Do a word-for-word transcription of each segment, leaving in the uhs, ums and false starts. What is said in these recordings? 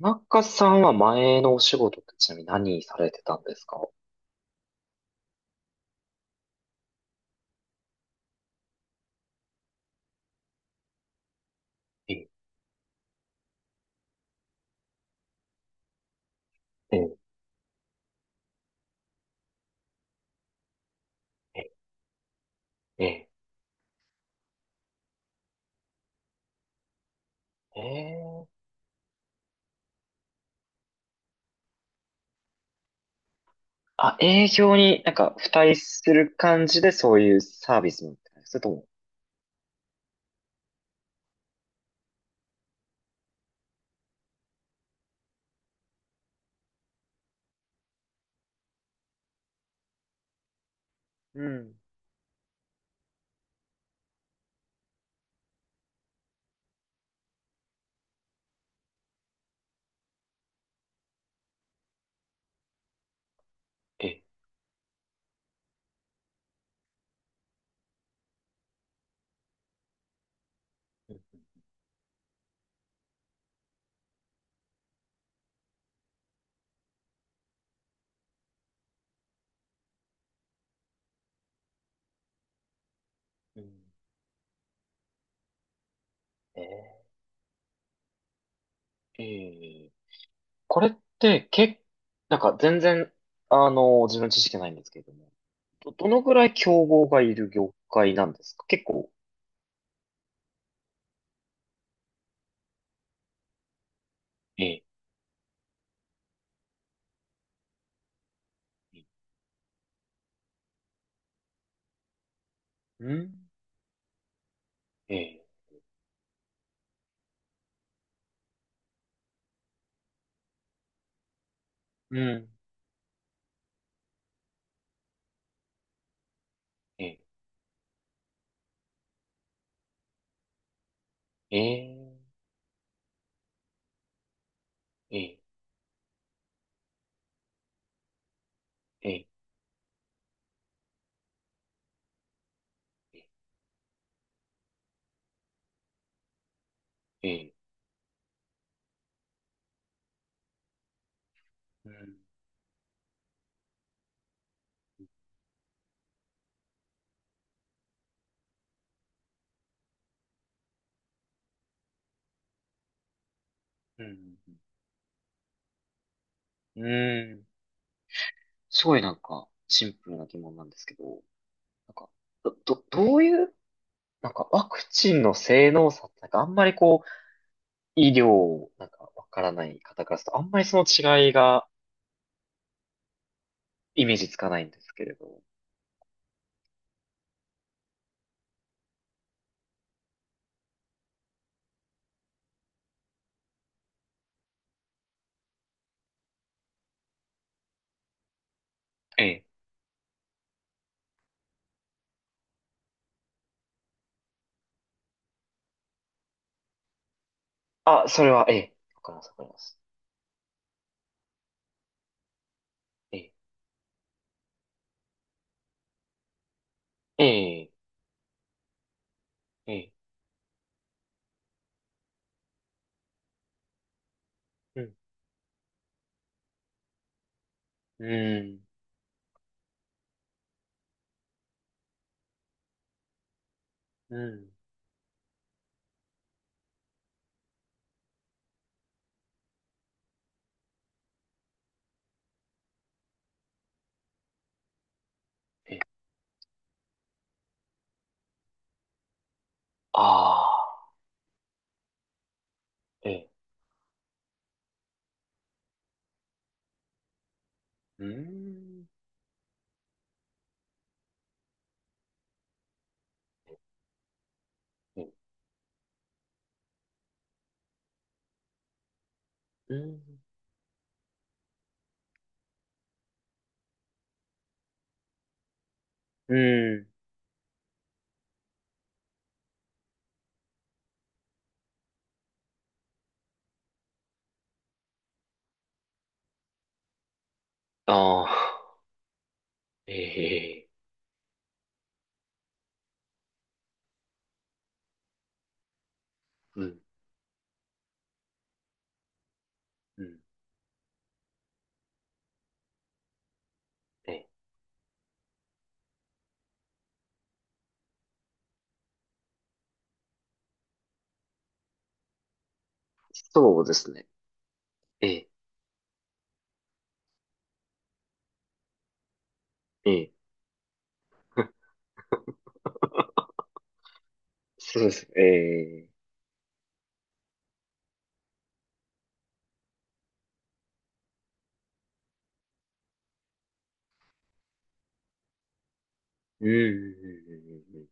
田中さんは前のお仕事ってちなみに何されてたんですか？え、え、ええ、ええ、ええ。あ、営業になんか付帯する感じでそういうサービスみたいな。それとも、うん。ええ、うん、ええ、ええ、これって、け、なんか全然、あの、自分の知識ないんですけれども、ど、どのぐらい競合がいる業界なんですか、結構。ええ、うん。ええ、うん。ええ、ええ、ええ、ええ、ええ。うん、うん、うん。うん。すごい、なんか、シンプルな疑問なんですけど、なんか、ど、ど、どういう、なんかワクチンの性能差ってなんかあんまりこう、医療、なんかわからない方からすると、あんまりその違いがイメージつかないんですけれど。ええ。あ、それは、ええ。わかります、わかります。ええ。ええ、ええ。うん、うん、うん。ええ。ああ、ええ。うーん。ええ。うーん。うん。ああ。ええ、うん、うん、ええ、そうですね。ええ、ええ、そうです。ええ、うん、うん、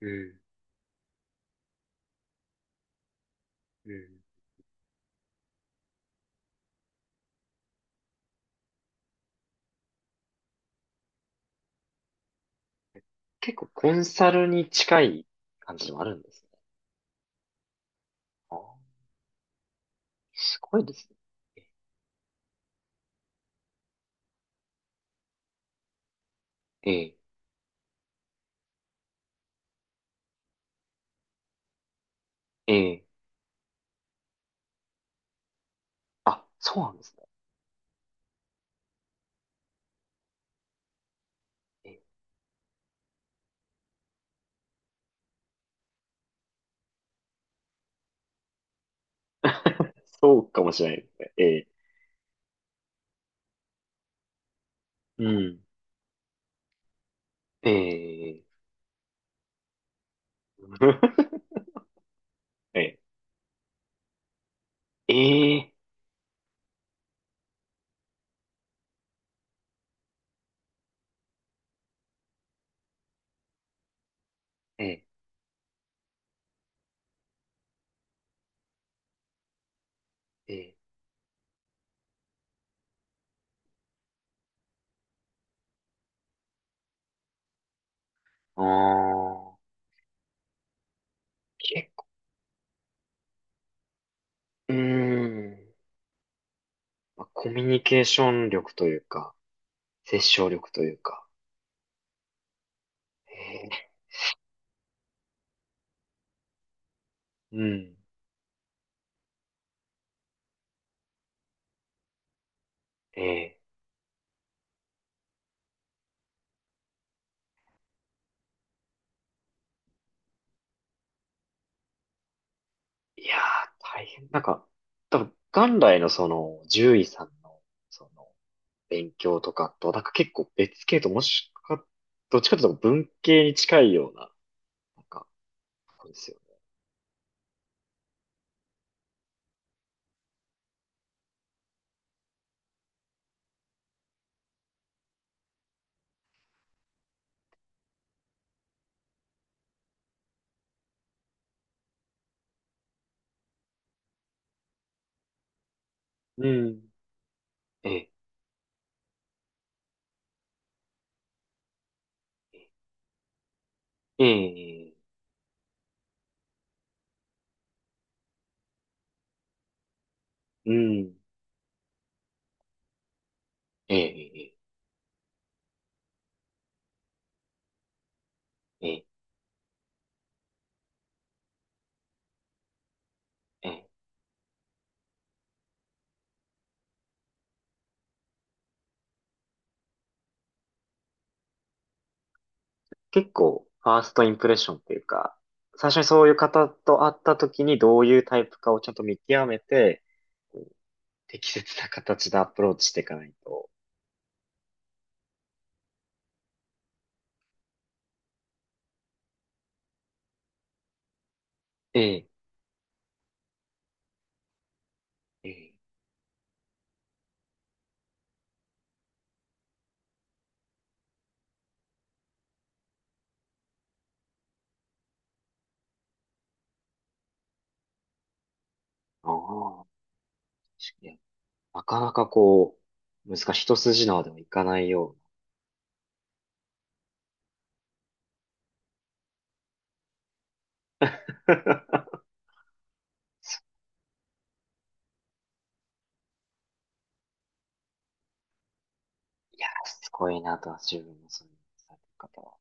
うん、うん、うん、うん。結構コンサルに近い感じでもあるんですね。あー、すごいですね。ええ、ええ、あ、そうなんですね。ええ、そうかもしれないですね。ええ、うん、ええ、ええ、ええ、ええ、ええ、ああ、結構、うーん、まあコミュニケーション力というか、殺傷力というか。えー、うん。ええ、いやー、大変。なんか、多分、元来のその、獣医さんの、その、勉強とかと、なんか結構別系ともしか、どっちかというと文系に近いような、なんか、そうですよね。うん。ええ、ええ、うん。ええ、ええ、ええ。結構、ファーストインプレッションっていうか、最初にそういう方と会った時にどういうタイプかをちゃんと見極めて、適切な形でアプローチしていかないと。ええ、ええ。ああ、確かに。なかなかこう、難しい。一筋縄ではいかないような。いや、すごいなとは自分もそういうされてる方は。